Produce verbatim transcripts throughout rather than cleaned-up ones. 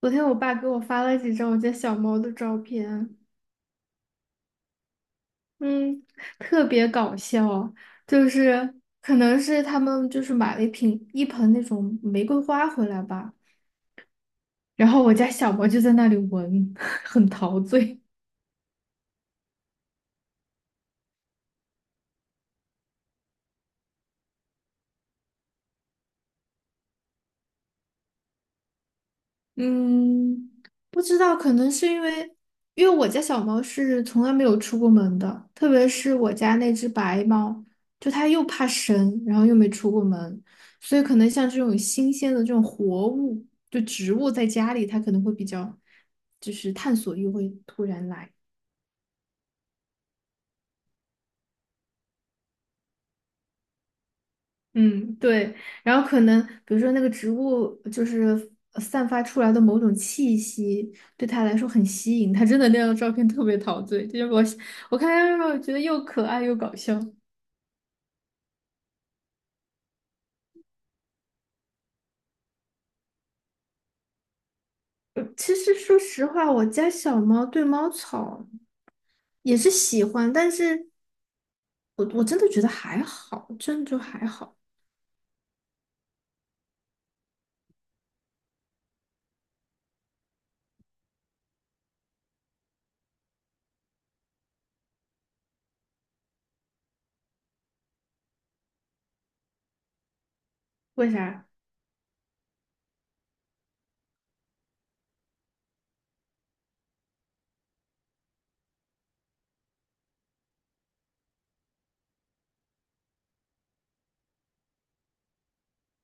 昨天我爸给我发了几张我家小猫的照片。嗯，特别搞笑，就是可能是他们就是买了一瓶一盆那种玫瑰花回来吧，然后我家小猫就在那里闻，很陶醉。嗯，不知道，可能是因为，因为我家小猫是从来没有出过门的，特别是我家那只白猫，就它又怕生，然后又没出过门，所以可能像这种新鲜的这种活物，就植物在家里，它可能会比较，就是探索欲会突然来。嗯，对。然后可能比如说那个植物就是呃散发出来的某种气息，对他来说很吸引。他真的那张照片特别陶醉，就是我我看他让我觉得又可爱又搞笑。呃其实说实话，我家小猫对猫草也是喜欢，但是我我真的觉得还好，真的就还好。为啥？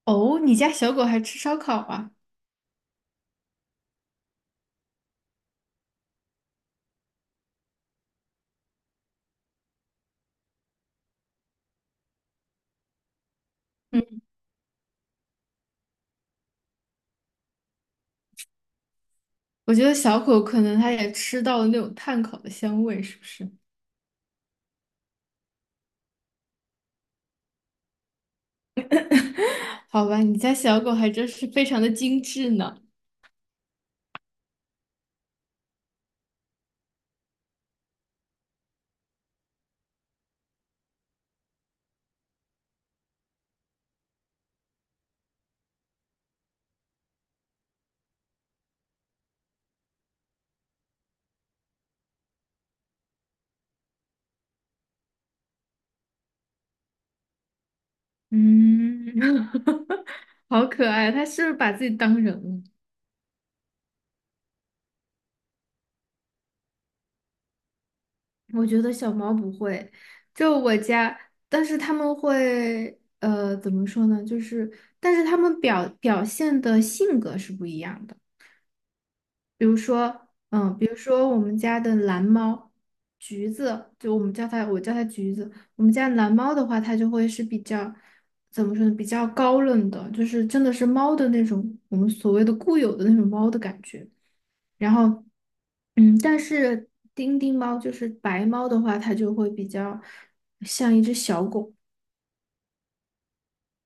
哦，你家小狗还吃烧烤啊？嗯，我觉得小狗可能它也吃到了那种炭烤的香味，是不是？好吧，你家小狗还真是非常的精致呢。嗯，好可爱，它是不是把自己当人了？我觉得小猫不会，就我家。但是它们会，呃，怎么说呢？就是，但是它们表表现的性格是不一样的。比如说，嗯，比如说我们家的蓝猫，橘子，就我们叫它，我叫它橘子。我们家蓝猫的话，它就会是比较，怎么说呢，比较高冷的，就是真的是猫的那种，我们所谓的固有的那种猫的感觉。然后，嗯，但是丁丁猫就是白猫的话，它就会比较像一只小狗。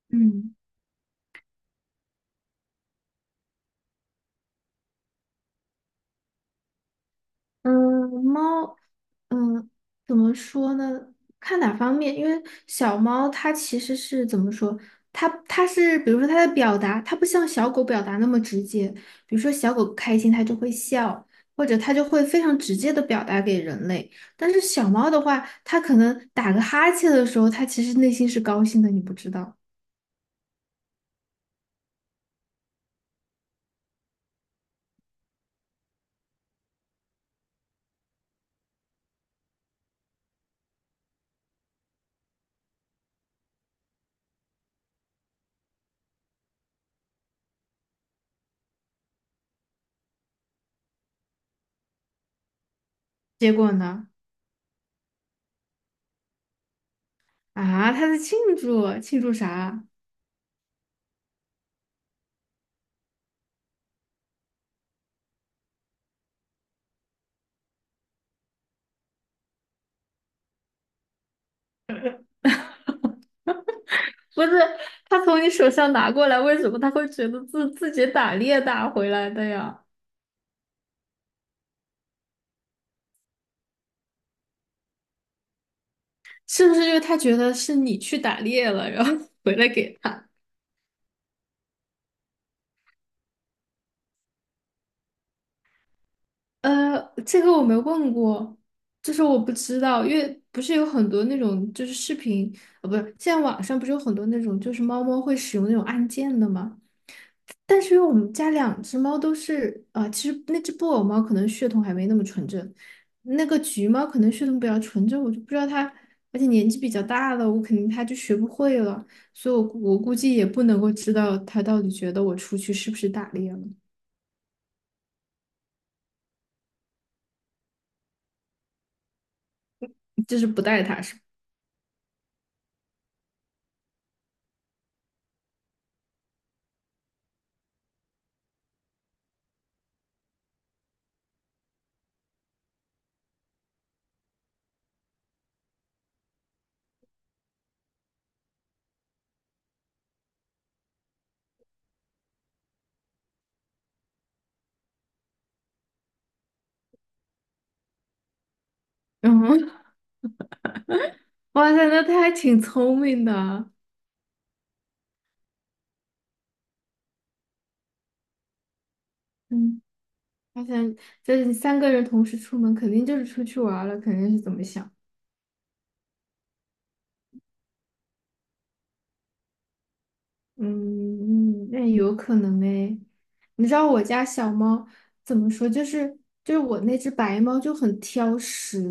嗯。嗯，猫，嗯，怎么说呢？看哪方面，因为小猫它其实是怎么说？它它是，比如说它的表达，它不像小狗表达那么直接。比如说小狗开心，它就会笑，或者它就会非常直接的表达给人类。但是小猫的话，它可能打个哈欠的时候，它其实内心是高兴的，你不知道。结果呢？啊，它在庆祝，庆祝啥？不是，他从你手上拿过来，为什么他会觉得自自己打猎打回来的呀？是不是因为他觉得是你去打猎了，然后 回来给他？呃，这个我没问过，就是我不知道，因为不是有很多那种就是视频。呃，不是，现在网上不是有很多那种就是猫猫会使用那种按键的吗？但是因为我们家两只猫都是，啊，其实那只布偶猫可能血统还没那么纯正，那个橘猫可能血统比较纯正，我就不知道它，而且年纪比较大了，我肯定它就学不会了。所以我估我估计也不能够知道它到底觉得我出去是不是打猎了，就是不带它是吧。嗯，哇塞，那它还挺聪明的。嗯，而且就是你三个人同时出门，肯定就是出去玩儿了，肯定是怎么想。嗯，那有可能哎。你知道我家小猫怎么说？就是就是我那只白猫就很挑食。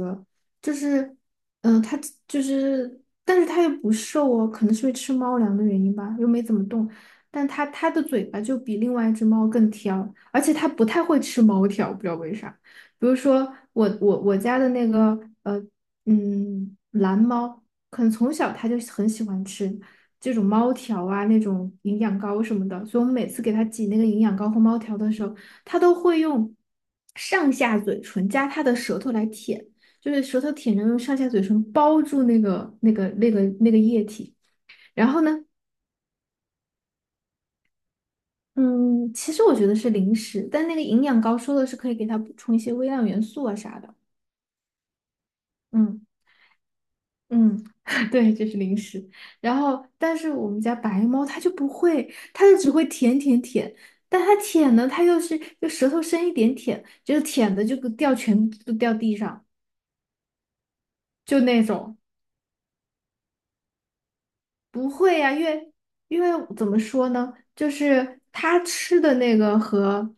就是嗯，它就是，但是它又不瘦哦，可能是因为吃猫粮的原因吧，又没怎么动。但它它的嘴巴就比另外一只猫更挑，而且它不太会吃猫条，不知道为啥。比如说我我我家的那个呃嗯蓝猫，可能从小它就很喜欢吃。这种猫条啊，那种营养膏什么的，所以我们每次给它挤那个营养膏或猫条的时候，它都会用上下嘴唇加它的舌头来舔，就是舌头舔着用上下嘴唇包住那个那个那个那个液体。然后呢，嗯，其实我觉得是零食，但那个营养膏说的是可以给它补充一些微量元素啊啥的。嗯。嗯，对，这是零食。然后，但是我们家白猫它就不会，它就只会舔舔舔。但它舔呢，它又是就舌头伸一点舔，就是舔的就掉全都掉地上，就那种不会呀，因为因为怎么说呢，就是它吃的那个和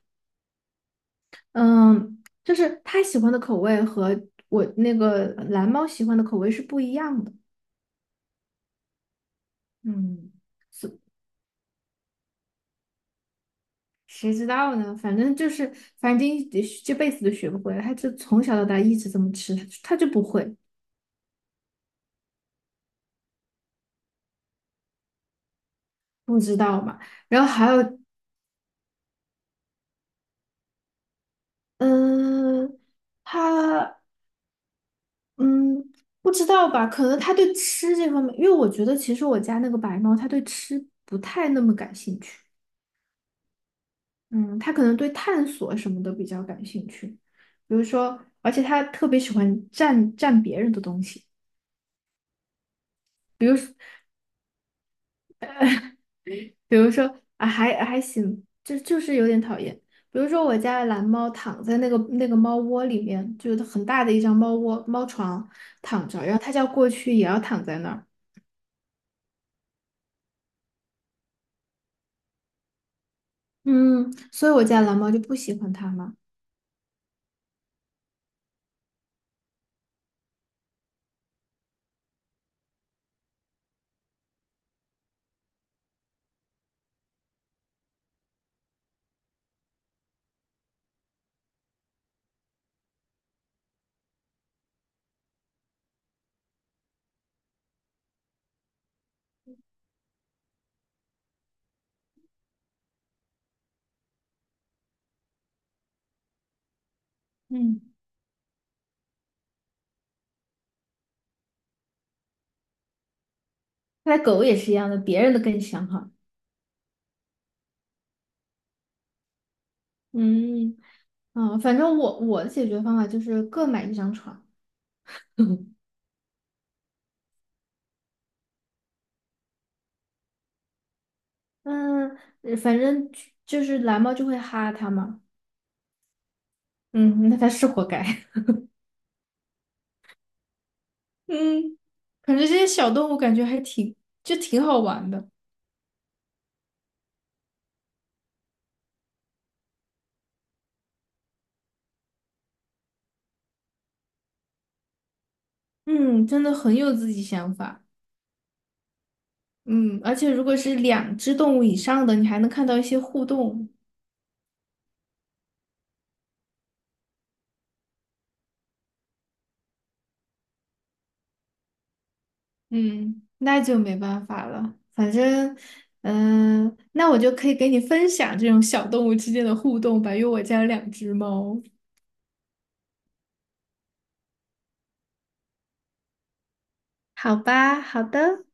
嗯，就是它喜欢的口味和我那个蓝猫喜欢的口味是不一样的。嗯。谁知道呢？反正就是，反正这这辈子都学不会了。他就从小到大一直这么吃，他就他就不会，不知道嘛。然后还有，嗯，他嗯不知道吧？可能他对吃这方面，因为我觉得其实我家那个白猫，它对吃不太那么感兴趣。嗯，它可能对探索什么的比较感兴趣，比如说，而且它特别喜欢占占别人的东西。比如比如说啊，还还行，就就是有点讨厌。比如说我家的蓝猫躺在那个那个猫窝里面，就是很大的一张猫窝猫床躺着，然后它叫过去也要躺在那儿。嗯，所以我家蓝猫就不喜欢它嘛。嗯，看来狗也是一样的，别人的更香哈。嗯啊，反正我我的解决方法就是各买一张床。嗯，呃反正就就是蓝猫就会哈它嘛。嗯，那它是活该。嗯，感觉这些小动物感觉还挺，就挺好玩的。嗯，真的很有自己想法。嗯，而且如果是两只动物以上的，你还能看到一些互动。嗯，那就没办法了。反正，嗯，那我就可以给你分享这种小动物之间的互动吧，因为我家有两只猫。好吧，好的。